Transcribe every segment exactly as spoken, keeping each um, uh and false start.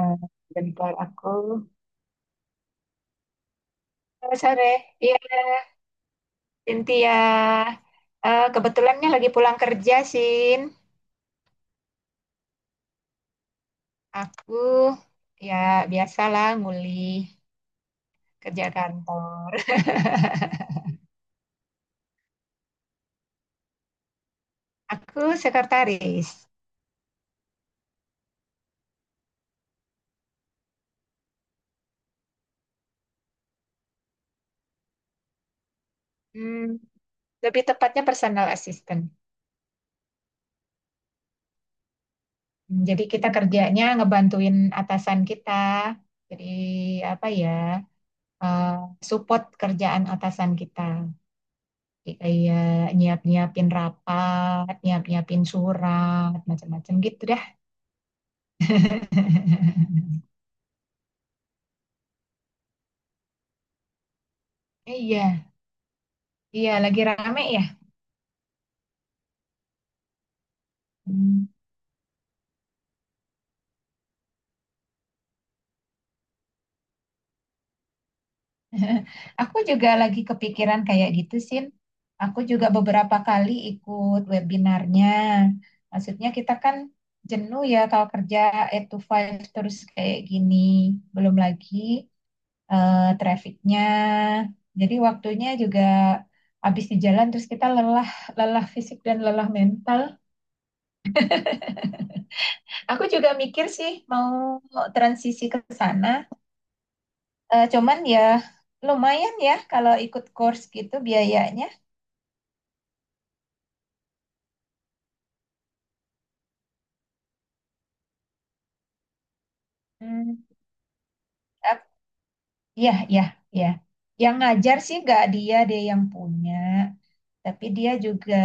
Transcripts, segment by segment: Eh, bentar aku. Halo, sore. Iya, Cynthia. Eh, kebetulannya lagi pulang kerja, Sin. Aku ya biasalah nguli kerja kantor. Aku sekretaris. Hmm, lebih tepatnya personal assistant. Hmm, Jadi kita kerjanya ngebantuin atasan kita. Jadi apa ya? eh, support kerjaan atasan kita. Kayak nyiap-nyiapin rapat, nyiap-nyiapin surat, macam-macam gitu dah. Iya, iya lagi rame ya. Hmm. Aku juga lagi kepikiran kayak gitu, Sin. Aku juga beberapa kali ikut webinarnya. Maksudnya kita kan jenuh ya kalau kerja eight to five terus kayak gini. Belum lagi eh, trafficnya. Jadi waktunya juga habis di jalan terus kita lelah, lelah fisik dan lelah mental. Aku juga mikir sih mau transisi ke sana. Eh, cuman ya lumayan ya kalau ikut course gitu biayanya. Hmm, ap- ya, ya, ya. Yang ngajar sih nggak dia, dia yang punya. Tapi dia juga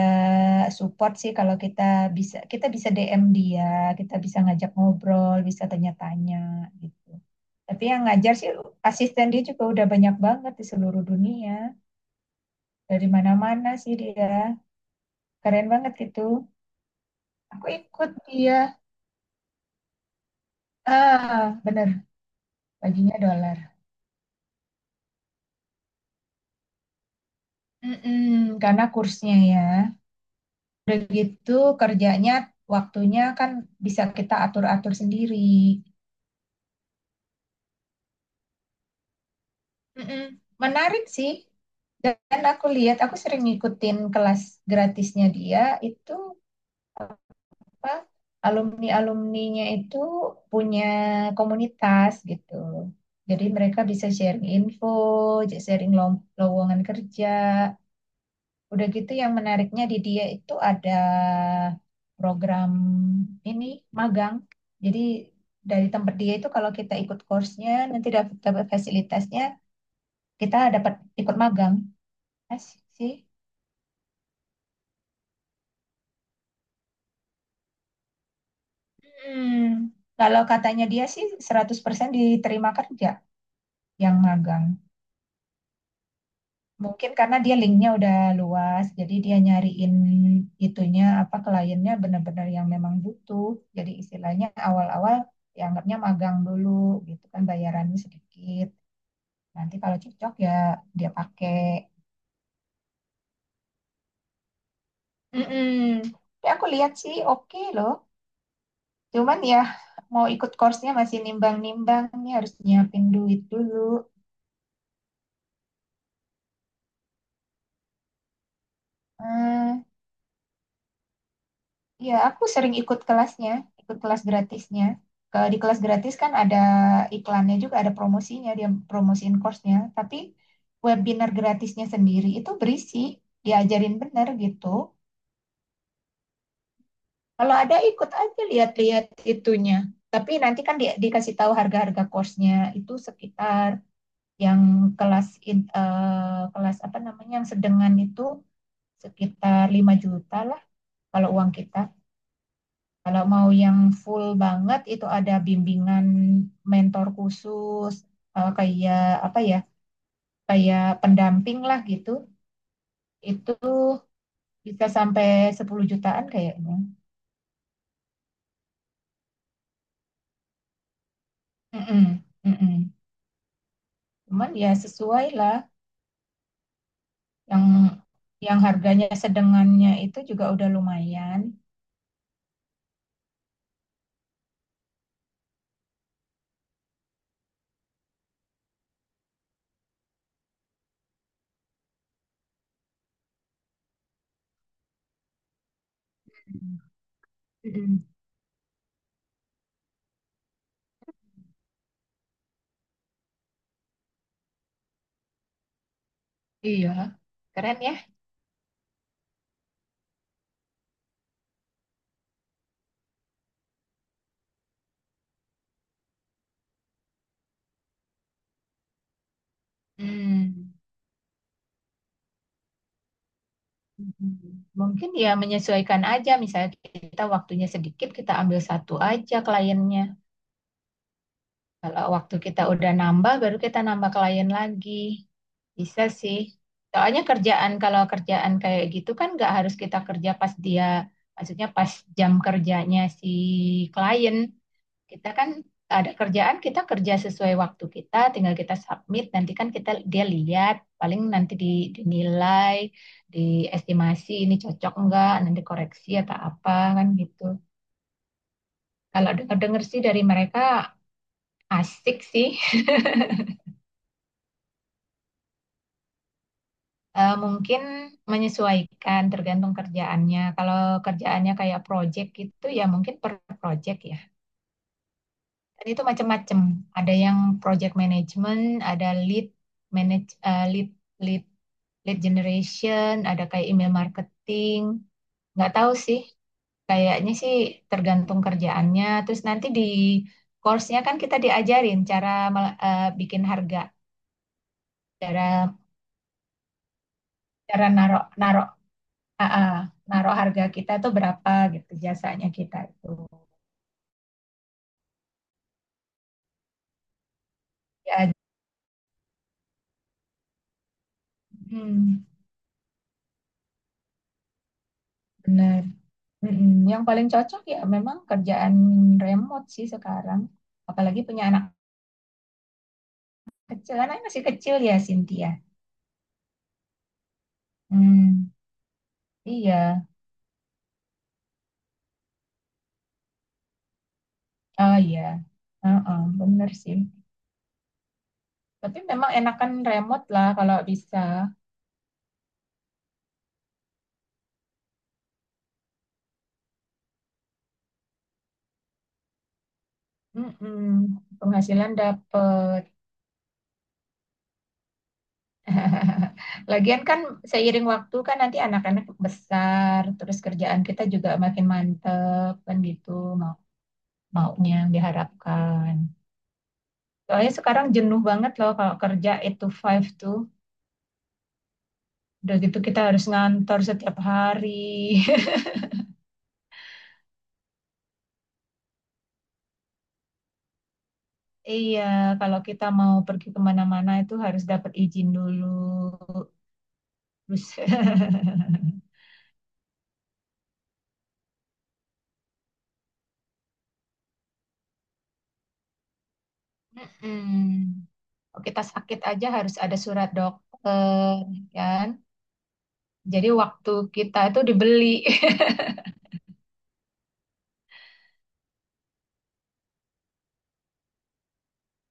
support sih kalau kita bisa kita bisa D M dia, kita bisa ngajak ngobrol, bisa tanya-tanya gitu. Tapi yang ngajar sih asisten dia juga udah banyak banget di seluruh dunia, dari mana-mana sih dia. Keren banget gitu. Aku ikut dia. Ah, bener, baginya dolar. Mm-mm, karena kursnya ya. Udah gitu kerjanya waktunya kan bisa kita atur-atur sendiri. Mm-mm. Menarik sih. Dan aku lihat, aku sering ngikutin kelas gratisnya dia itu apa alumni-alumninya itu punya komunitas gitu. Jadi mereka bisa sharing info, j- sharing lo- lowongan kerja. Udah gitu yang menariknya di dia itu ada program ini magang. Jadi dari tempat dia itu kalau kita ikut course-nya nanti dapat dapat fasilitasnya, kita dapat ikut magang. Asik sih. Hmm. Kalau katanya dia sih seratus persen diterima kerja yang magang. Mungkin karena dia linknya udah luas, jadi dia nyariin itunya apa kliennya benar-benar yang memang butuh. Jadi istilahnya awal-awal ya anggapnya magang dulu gitu kan bayarannya sedikit. Nanti kalau cocok ya dia pakai. Mm-mm. Tapi aku lihat sih oke loh. Cuman ya mau ikut course-nya masih nimbang-nimbang nih harus nyiapin duit dulu. Hmm, Ya, aku sering ikut kelasnya, ikut kelas gratisnya. Ke, di kelas gratis kan ada iklannya juga, ada promosinya, dia promosiin course-nya. Tapi webinar gratisnya sendiri itu berisi, diajarin bener gitu. Kalau ada ikut aja lihat-lihat itunya. Tapi nanti kan dia, dikasih tahu harga-harga course-nya itu sekitar yang kelas in, eh, kelas apa namanya yang sedengan itu sekitar lima juta lah kalau uang kita. Kalau mau yang full banget itu ada bimbingan mentor khusus eh, kayak apa ya? Kayak pendamping lah gitu. Itu bisa sampai sepuluh jutaan kayaknya. Mm-mm, mm-mm. Cuman ya sesuai lah yang yang harganya sedengannya itu juga udah lumayan. Mm-mm. Iya, keren ya. Hmm. Mungkin ya menyesuaikan aja, misalnya kita waktunya sedikit, kita ambil satu aja kliennya. Kalau waktu kita udah nambah, baru kita nambah klien lagi. Bisa sih. Soalnya kerjaan, kalau kerjaan kayak gitu kan nggak harus kita kerja pas dia, maksudnya pas jam kerjanya si klien. Kita kan ada kerjaan, kita kerja sesuai waktu kita, tinggal kita submit, nanti kan kita dia lihat, paling nanti di- dinilai, diestimasi ini cocok nggak, nanti koreksi atau apa kan gitu. Kalau dengar-dengar sih dari mereka asik sih. Eh, mungkin menyesuaikan tergantung kerjaannya. Kalau kerjaannya kayak project gitu ya mungkin per project ya. Dan itu macam-macam. Ada yang project management, ada lead manage eh, lead lead lead generation, ada kayak email marketing. Nggak tahu sih. Kayaknya sih tergantung kerjaannya. Terus nanti di course-nya kan kita diajarin cara mel- eh, bikin harga, cara cara naruh naro heeh, naruh harga kita tuh berapa gitu jasanya kita itu. Ya, hmm, bener. Mm-mm. Yang paling cocok ya memang kerjaan remote sih sekarang. Apalagi punya anak kecil, anaknya masih kecil ya Cynthia. Hmm, iya, oh iya, heeh, bener sih. Tapi memang enakan remote lah kalau bisa. Mm-mm. Penghasilan dapet. Lagian kan seiring waktu kan nanti anak-anak besar, terus kerjaan kita juga makin mantep kan gitu mau maunya yang diharapkan. Soalnya sekarang jenuh banget loh kalau kerja eight to five tuh. Udah gitu kita harus ngantor setiap hari. Iya, kalau kita mau pergi kemana-mana itu harus dapat izin dulu. Terus Mm-mm. Kalau kita sakit aja harus ada surat dokter, kan? Jadi waktu kita itu dibeli.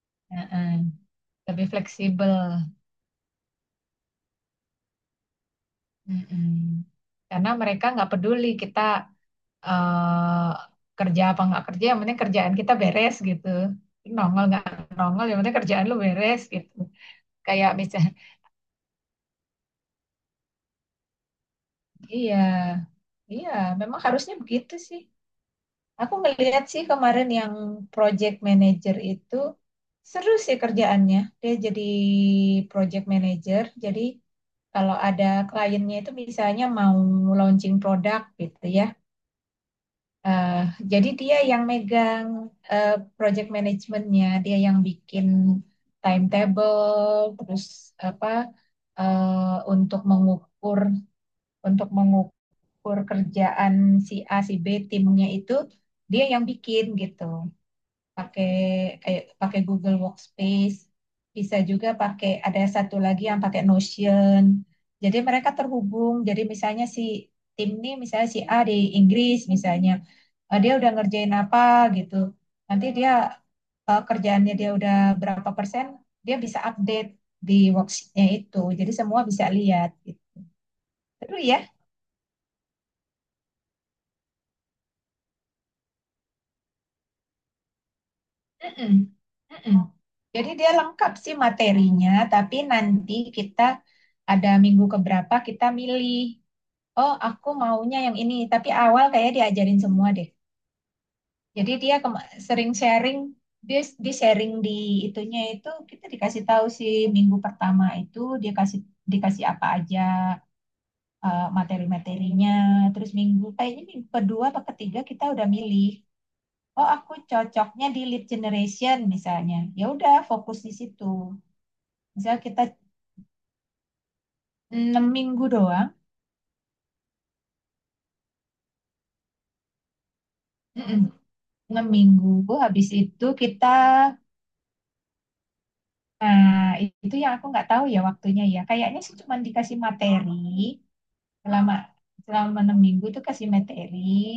Heeh, lebih fleksibel. Mm-mm. Karena mereka nggak peduli kita eh, kerja apa nggak kerja, yang penting kerjaan kita beres gitu. Nongol nggak nongol, yang penting kerjaan lu beres gitu. Kayak misalnya, iya, iya, memang harusnya begitu sih. Aku ngelihat sih kemarin yang project manager itu seru sih kerjaannya. Dia jadi project manager, jadi kalau ada kliennya itu misalnya mau launching produk gitu ya. Eh, jadi dia yang megang eh, project manajemennya, dia yang bikin timetable, terus apa eh, untuk mengukur untuk mengukur kerjaan si A si B timnya itu dia yang bikin gitu pakai kayak pakai Google Workspace, bisa juga pakai ada satu lagi yang pakai Notion. Jadi mereka terhubung. Jadi misalnya si tim ini misalnya si A di Inggris misalnya, eh, dia udah ngerjain apa gitu. Nanti dia eh, kerjaannya dia udah berapa persen, dia bisa update di worksheetnya itu. Jadi semua bisa lihat. Gitu. Seru ya? Mm-mm, mm-mm. Jadi dia lengkap sih materinya, tapi nanti kita ada minggu keberapa kita milih, oh aku maunya yang ini, tapi awal kayak diajarin semua deh. Jadi dia kema- sering sharing, dia di sharing di itunya itu kita dikasih tahu sih minggu pertama itu dia kasih dikasih apa aja eh, materi-materinya, terus minggu kayaknya minggu kedua atau ketiga kita udah milih oh aku cocoknya di lead generation misalnya ya udah fokus di situ misal kita enam minggu doang enam minggu habis itu kita nah itu yang aku nggak tahu ya waktunya ya kayaknya sih cuma dikasih materi selama selama enam minggu itu kasih materi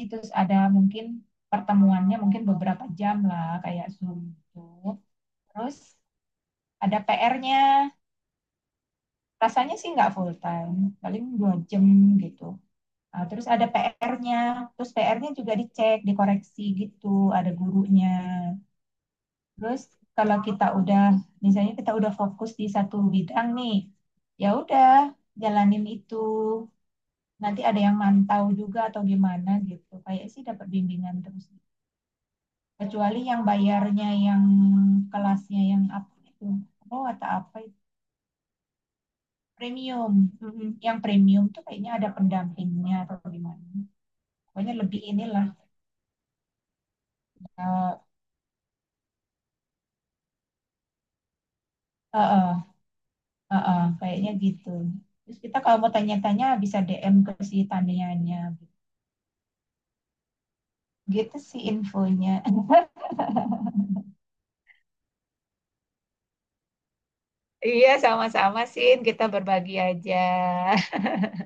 terus ada mungkin pertemuannya mungkin beberapa jam lah kayak Zoom itu terus ada P R-nya rasanya sih nggak full time paling dua jam gitu. Ah, terus ada P R-nya, terus P R-nya juga dicek, dikoreksi gitu, ada gurunya. Terus kalau kita udah, misalnya kita udah fokus di satu bidang nih, ya udah jalanin itu. Nanti ada yang mantau juga atau gimana gitu. Kayak sih dapat bimbingan terus. Kecuali yang bayarnya yang kelasnya yang apa itu, oh atau apa itu, premium. Mhm. Yang premium tuh kayaknya ada pendampingnya atau gimana. Pokoknya lebih inilah. eh, eh, eh, Heeh, kayaknya gitu. Terus kita kalau mau tanya-tanya bisa D M ke si Tanianya. Gitu sih infonya. Iya, sama-sama, Sin. Kita berbagi aja.